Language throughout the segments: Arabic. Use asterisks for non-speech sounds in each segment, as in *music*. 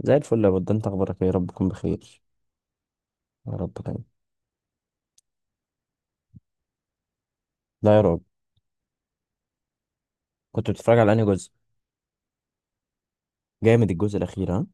زي الفل يا بود، انت اخبارك ايه؟ يا رب تكون بخير. يا رب دايما. لا يا رب. كنت بتتفرج على انهي جزء؟ جامد الجزء الاخير ها.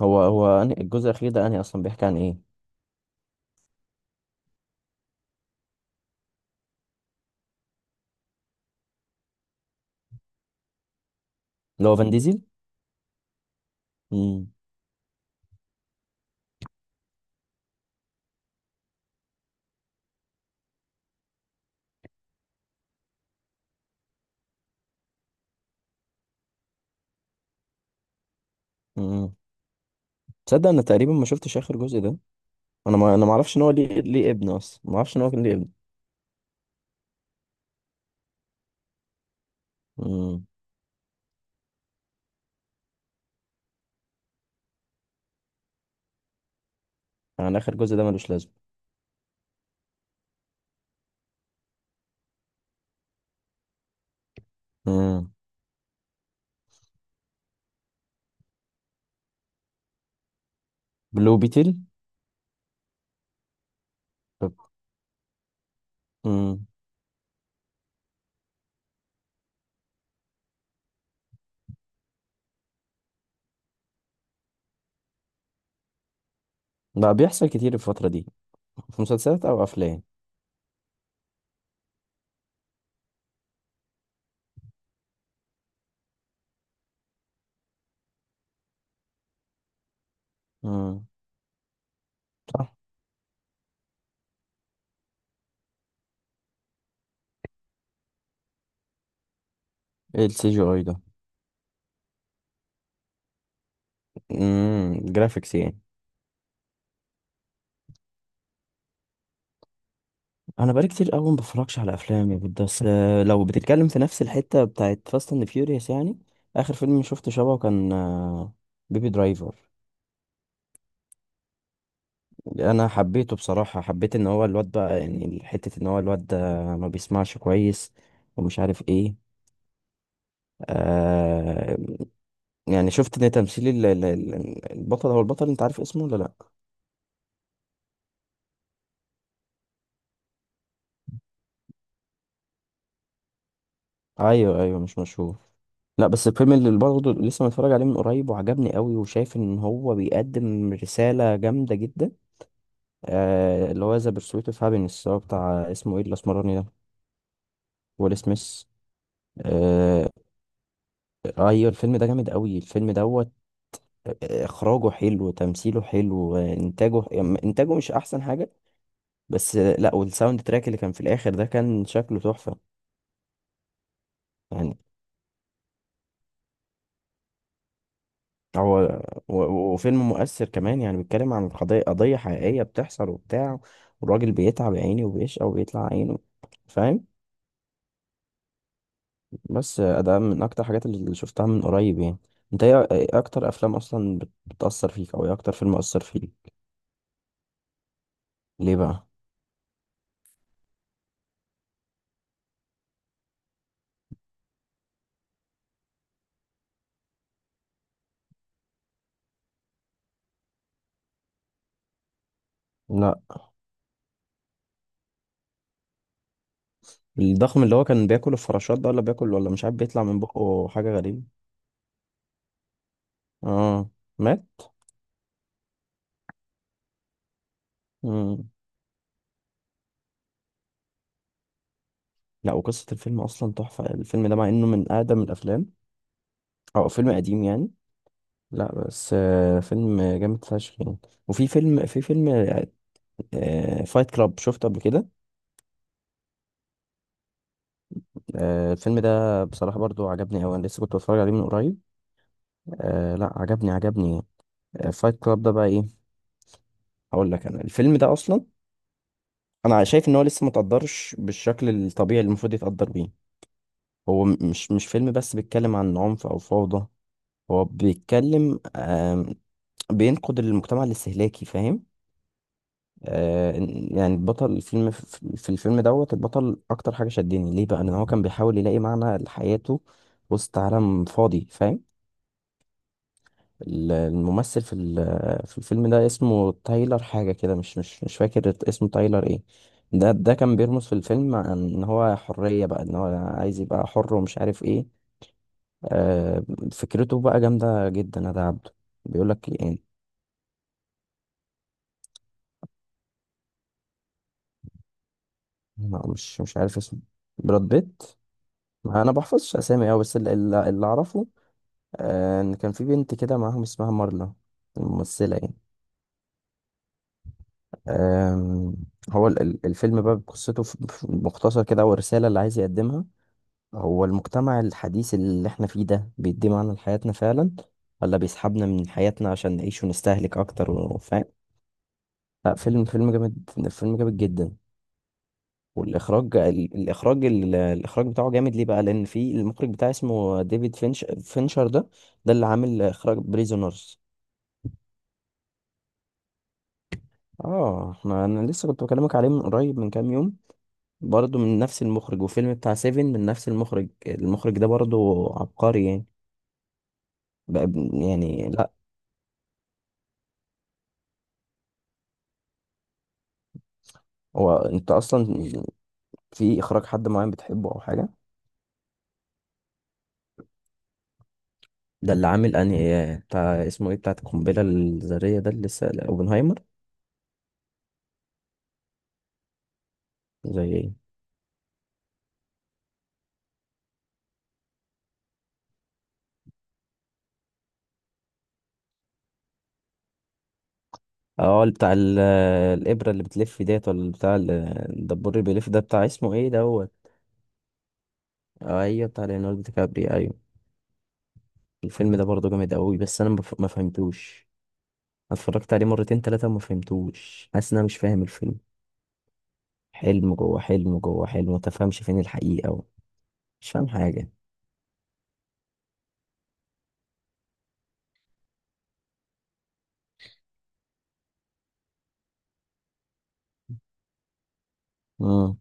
هو أنهي الجزء الاخير ده؟ انهي اصلا بيحكي عن ايه؟ اللي هو فان ديزل. امم. امم. تصدق انا تقريبا ما شفتش اخر جزء ده. انا ما اعرفش ان هو ليه ابن اصلا، ما اعرفش ان هو كان ليه ابن. امم. يعني اخر جزء ده ملوش لازمه؟ امم. بلو بيتل. طب. امم. بقى بيحصل كتير الفتره دي في مسلسلات او افلام. امم. صح. ايه السي جي اي ده؟ امم، جرافيكس يعني. انا بقالي كتير قوي ما بفرجش على افلام يا بود، بس لو بتتكلم في نفس الحته بتاعت فاست اند فيوريوس يعني اخر فيلم شفته شبهه كان بيبي درايفر. انا حبيته بصراحه، حبيت ان هو الواد بقى، يعني حته ان هو الواد ده ما بيسمعش كويس ومش عارف ايه. آه يعني شفت ان تمثيل البطل، هو البطل، انت عارف اسمه ولا لا؟ ايوه ايوه مش مشهور. لا بس الفيلم اللي برضه لسه متفرج عليه من قريب وعجبني قوي، وشايف ان هو بيقدم رسالة جامدة جدا. اللي هو ذا بيرسويت اوف هابينس، هو بتاع اسمه ايه الاسمراني ده؟ ويل سميث. آه، ايوه الفيلم ده جامد قوي الفيلم دوت. اخراجه حلو، تمثيله حلو، انتاجه يعني انتاجه مش احسن حاجه، بس لا والساوند تراك اللي كان في الاخر ده كان شكله تحفه. يعني هو وفيلم مؤثر كمان، يعني بيتكلم عن قضيه، قضيه حقيقيه بتحصل وبتاع، والراجل بيتعب يا عيني وبيشقى وبيطلع عينه، فاهم. بس ده من اكتر الحاجات اللي شفتها من قريب يعني. انت ايه، إيه اكتر افلام اصلا بتأثر فيك، او ايه اكتر فيلم اثر فيك؟ ليه بقى؟ لا الضخم اللي هو كان بياكل الفراشات ده، ولا بياكل ولا مش عارف بيطلع من بقه حاجة غريبة. اه. مات؟ مم. لا وقصة الفيلم اصلا تحفة الفيلم ده، مع انه من اقدم الافلام او فيلم قديم يعني. لا بس آه فيلم جامد فشخ يعني. وفي فيلم آه فايت كلاب، شفته قبل كده؟ آه الفيلم ده بصراحة برضو عجبني أوي، أنا لسه كنت بتفرج عليه من قريب. آه لا عجبني. فايت كلاب ده بقى ايه؟ هقول لك انا الفيلم ده اصلا انا شايف ان هو لسه ما تقدرش بالشكل الطبيعي اللي المفروض يتقدر بيه. هو مش فيلم بس بيتكلم عن عنف او فوضى، هو بيتكلم بينقد المجتمع الاستهلاكي، فاهم. يعني البطل الفيلم في الفيلم دوت، البطل اكتر حاجة شدني ليه بقى ان هو كان بيحاول يلاقي معنى لحياته وسط عالم فاضي، فاهم. الممثل في الفيلم ده اسمه تايلر حاجة كده، مش فاكر اسمه تايلر ايه. ده كان بيرمز في الفيلم عن ان هو حرية بقى، ان هو عايز يبقى حر ومش عارف ايه. آه، فكرته بقى جامدة جدا ده عبده. بيقولك ايه؟ مش عارف اسمه. براد بيت. ما انا بحفظش اسامي اوي، بس اللي، اللي اعرفه ان كان في بنت كده معاهم اسمها مارلا، الممثلة يعني. أم، هو الفيلم بقى بقصته في مختصر كده، او الرسالة اللي عايز يقدمها، هو المجتمع الحديث اللي احنا فيه ده بيدي معنى لحياتنا فعلا، ولا بيسحبنا من حياتنا عشان نعيش ونستهلك اكتر، وفاهم. لا فيلم، فيلم جامد، فيلم جامد جدا. والاخراج الاخراج بتاعه جامد، ليه بقى؟ لان في المخرج بتاعه اسمه ديفيد فينش، فينشر ده، ده اللي عامل اخراج بريزونرز. اه احنا انا لسه كنت بكلمك عليه من قريب من كام يوم، برضه من نفس المخرج. وفيلم بتاع سيفن من نفس المخرج، المخرج ده برضه عبقري يعني. بقى يعني لا. هو انت اصلا في اخراج حد معين بتحبه او حاجه؟ ده اللي عامل انهي بتاع اسمه ايه، بتاع القنبله الذريه ده اللي لسه اوبنهايمر. زي ايه؟ اه اللي بتاع الابره اللي بتلف ديت، ولا بتاع الدبور اللي بيلف ده، بتاع اسمه ايه دوت. ايوه بتاع ليوناردو دي كابري ايوه. الفيلم ده برضه جامد قوي بس انا ما فهمتوش. اتفرجت عليه مرتين تلاتة وما فهمتوش، حاسس ان انا مش فاهم الفيلم، حلم جوه حلم جوه حلم، متفهمش فين الحقيقة و... مش فاهم حاجة. امم.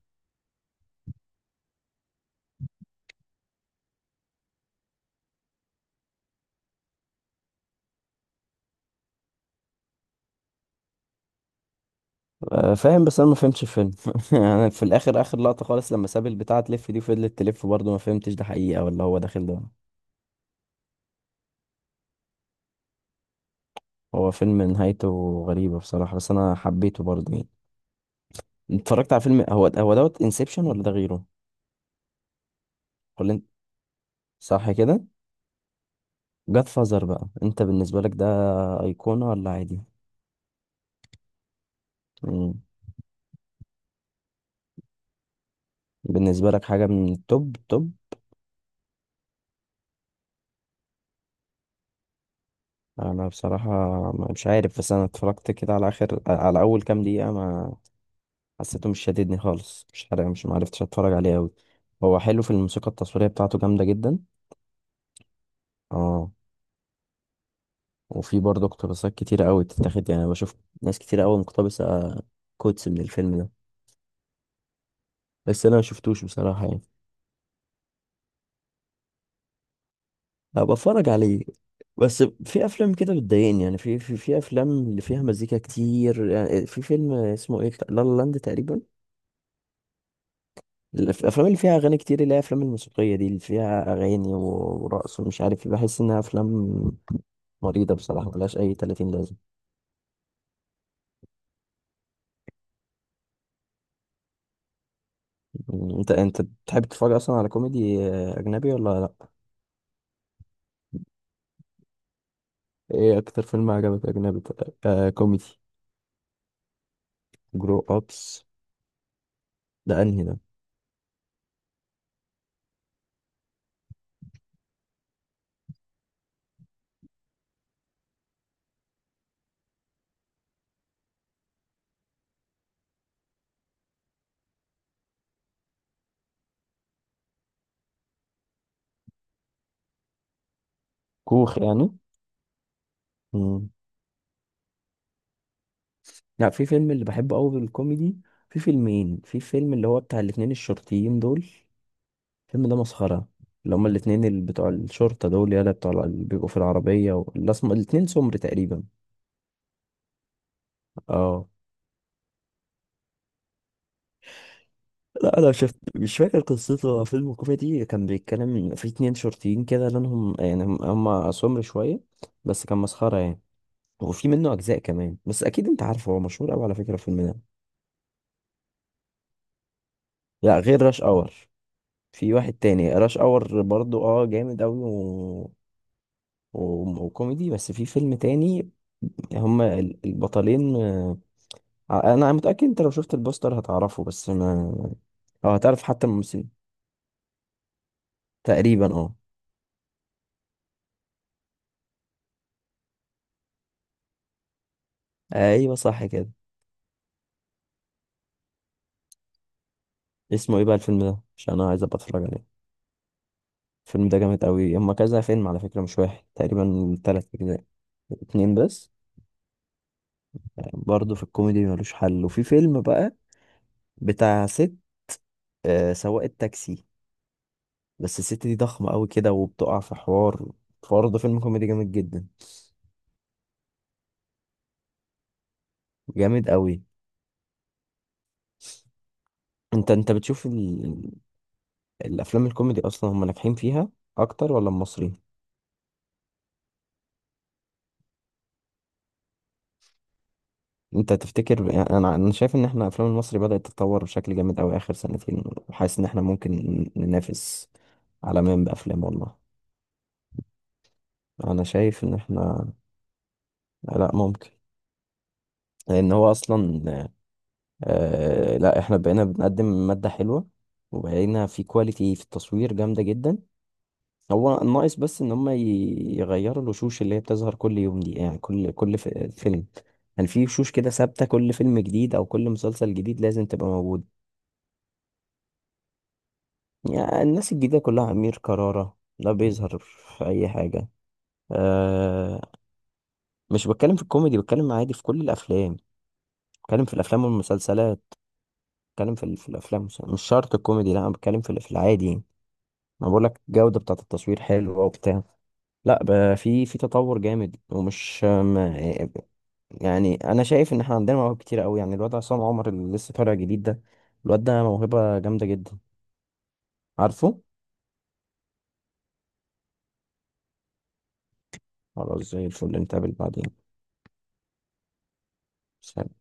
فاهم بس انا ما فهمتش الفيلم. *laughs* يعني في الاخر، اخر لقطة خالص لما ساب البتاعة تلف دي فضلت تلف برضه، ما فهمتش ده حقيقة ولا هو داخل ده. هو فيلم نهايته غريبة بصراحة بس انا حبيته برضه يعني. اتفرجت على فيلم هو دوت انسبشن ولا ده غيره؟ ولا انت، صح كده؟ جاد فازر بقى انت بالنسبة لك ده ايقونة ولا عادي؟ مم. بالنسبة لك حاجة من التوب توب. انا بصراحه مش عارف، بس انا اتفرجت كده على اخر، على اول كام دقيقه ما حسيته، مش شاددني خالص مش عارف، مش معرفتش اتفرج عليه قوي. هو حلو، في الموسيقى التصويريه بتاعته جامده جدا. اه. وفي برضه اقتباسات كتيره قوي بتتاخد، يعني بشوف ناس كتيره قوي مقتبسه كوتس من الفيلم ده، بس انا ما شفتوش بصراحه يعني. هبقى اتفرج عليه. بس في افلام كده بتضايقني يعني، في افلام اللي فيها مزيكا كتير، يعني في فيلم اسمه ايه، لا لا لاند تقريبا. الافلام اللي فيها اغاني كتير، اللي هي افلام الموسيقيه دي اللي فيها اغاني ورقص ومش عارف إيه، بحس انها افلام مريضه بصراحه ملهاش اي 30 لازمه. انت بتحب تتفرج اصلا على كوميدي اجنبي ولا لا؟ ايه اكتر فيلم عجبك اجنبي طيب؟ آه كوميدي. جرو ابس. ده انهي ده؟ كوخ يعني. مم. لا في فيلم اللي بحبه قوي بالكوميدي، في فيلمين، في فيلم اللي هو بتاع الاتنين الشرطيين دول، الفيلم ده مسخرة، اللي هما الاتنين اللي بتوع الشرطة دول يلا بتوع اللي بيبقوا في العربية و... الأسم... الاتنين سمر تقريبا. اه لا أنا شفت مش فاكر قصته، هو فيلم كوميدي كان بيتكلم في اتنين شرطيين كده، لأنهم يعني هم هما سمر شوية. بس كان مسخرة يعني. وفي منه أجزاء كمان بس أكيد أنت عارفه، هو مشهور أوي على فكرة الفيلم ده. لا غير راش أور، في واحد تاني. راش أور برضو اه جامد أوي و... و... وكوميدي، بس في فيلم تاني. هما البطلين. انا متأكد انت لو شفت البوستر هتعرفه، بس ما، او هتعرف حتى الممثلين. تقريبا اه. ايوه صح كده. اسمه ايه بقى الفيلم ده عشان انا عايز ابقى اتفرج عليه. الفيلم ده جامد قوي، هما كذا فيلم على فكرة مش واحد، تقريبا تلات اجزاء. اتنين بس. برضه في الكوميدي ملوش حل. وفي فيلم بقى بتاع ست سواقة تاكسي، بس الست دي ضخمة قوي كده وبتقع في حوار، برضه فيلم كوميدي جامد جدا. جامد قوي. انت بتشوف الافلام الكوميدي اصلا هم ناجحين فيها اكتر ولا المصري؟ انت تفتكر يعني، انا شايف ان احنا افلام المصري بدأت تتطور بشكل جامد قوي اخر سنتين، وحاسس ان احنا ممكن ننافس عالميا بافلام والله. انا شايف ان احنا، لا ممكن، لان هو اصلا آه لا احنا بقينا بنقدم مادة حلوة، وبقينا في كواليتي في التصوير جامدة جدا. هو ناقص بس ان هم يغيروا الوشوش اللي هي بتظهر كل يوم دي، يعني فيلم، يعني في وشوش كده ثابته كل فيلم جديد او كل مسلسل جديد لازم تبقى موجود. يعني الناس الجديده كلها، امير كرارة لا بيظهر في اي حاجه. أه. مش بتكلم في الكوميدي، بتكلم عادي في كل الافلام، بتكلم في الافلام والمسلسلات. بتكلم في الافلام مش شرط الكوميدي، لا انا بتكلم في العادي يعني. انا بقول لك الجوده بتاعه التصوير حلوه وبتاع، لا بقى في، في تطور جامد ومش، يعني انا شايف ان احنا عندنا مواهب كتير قوي، يعني الواد عصام عمر اللي لسه طالع جديد ده، الواد ده موهبه جامده جدا عارفه. خلاص زي الفل نتقابل بعدين. سلام.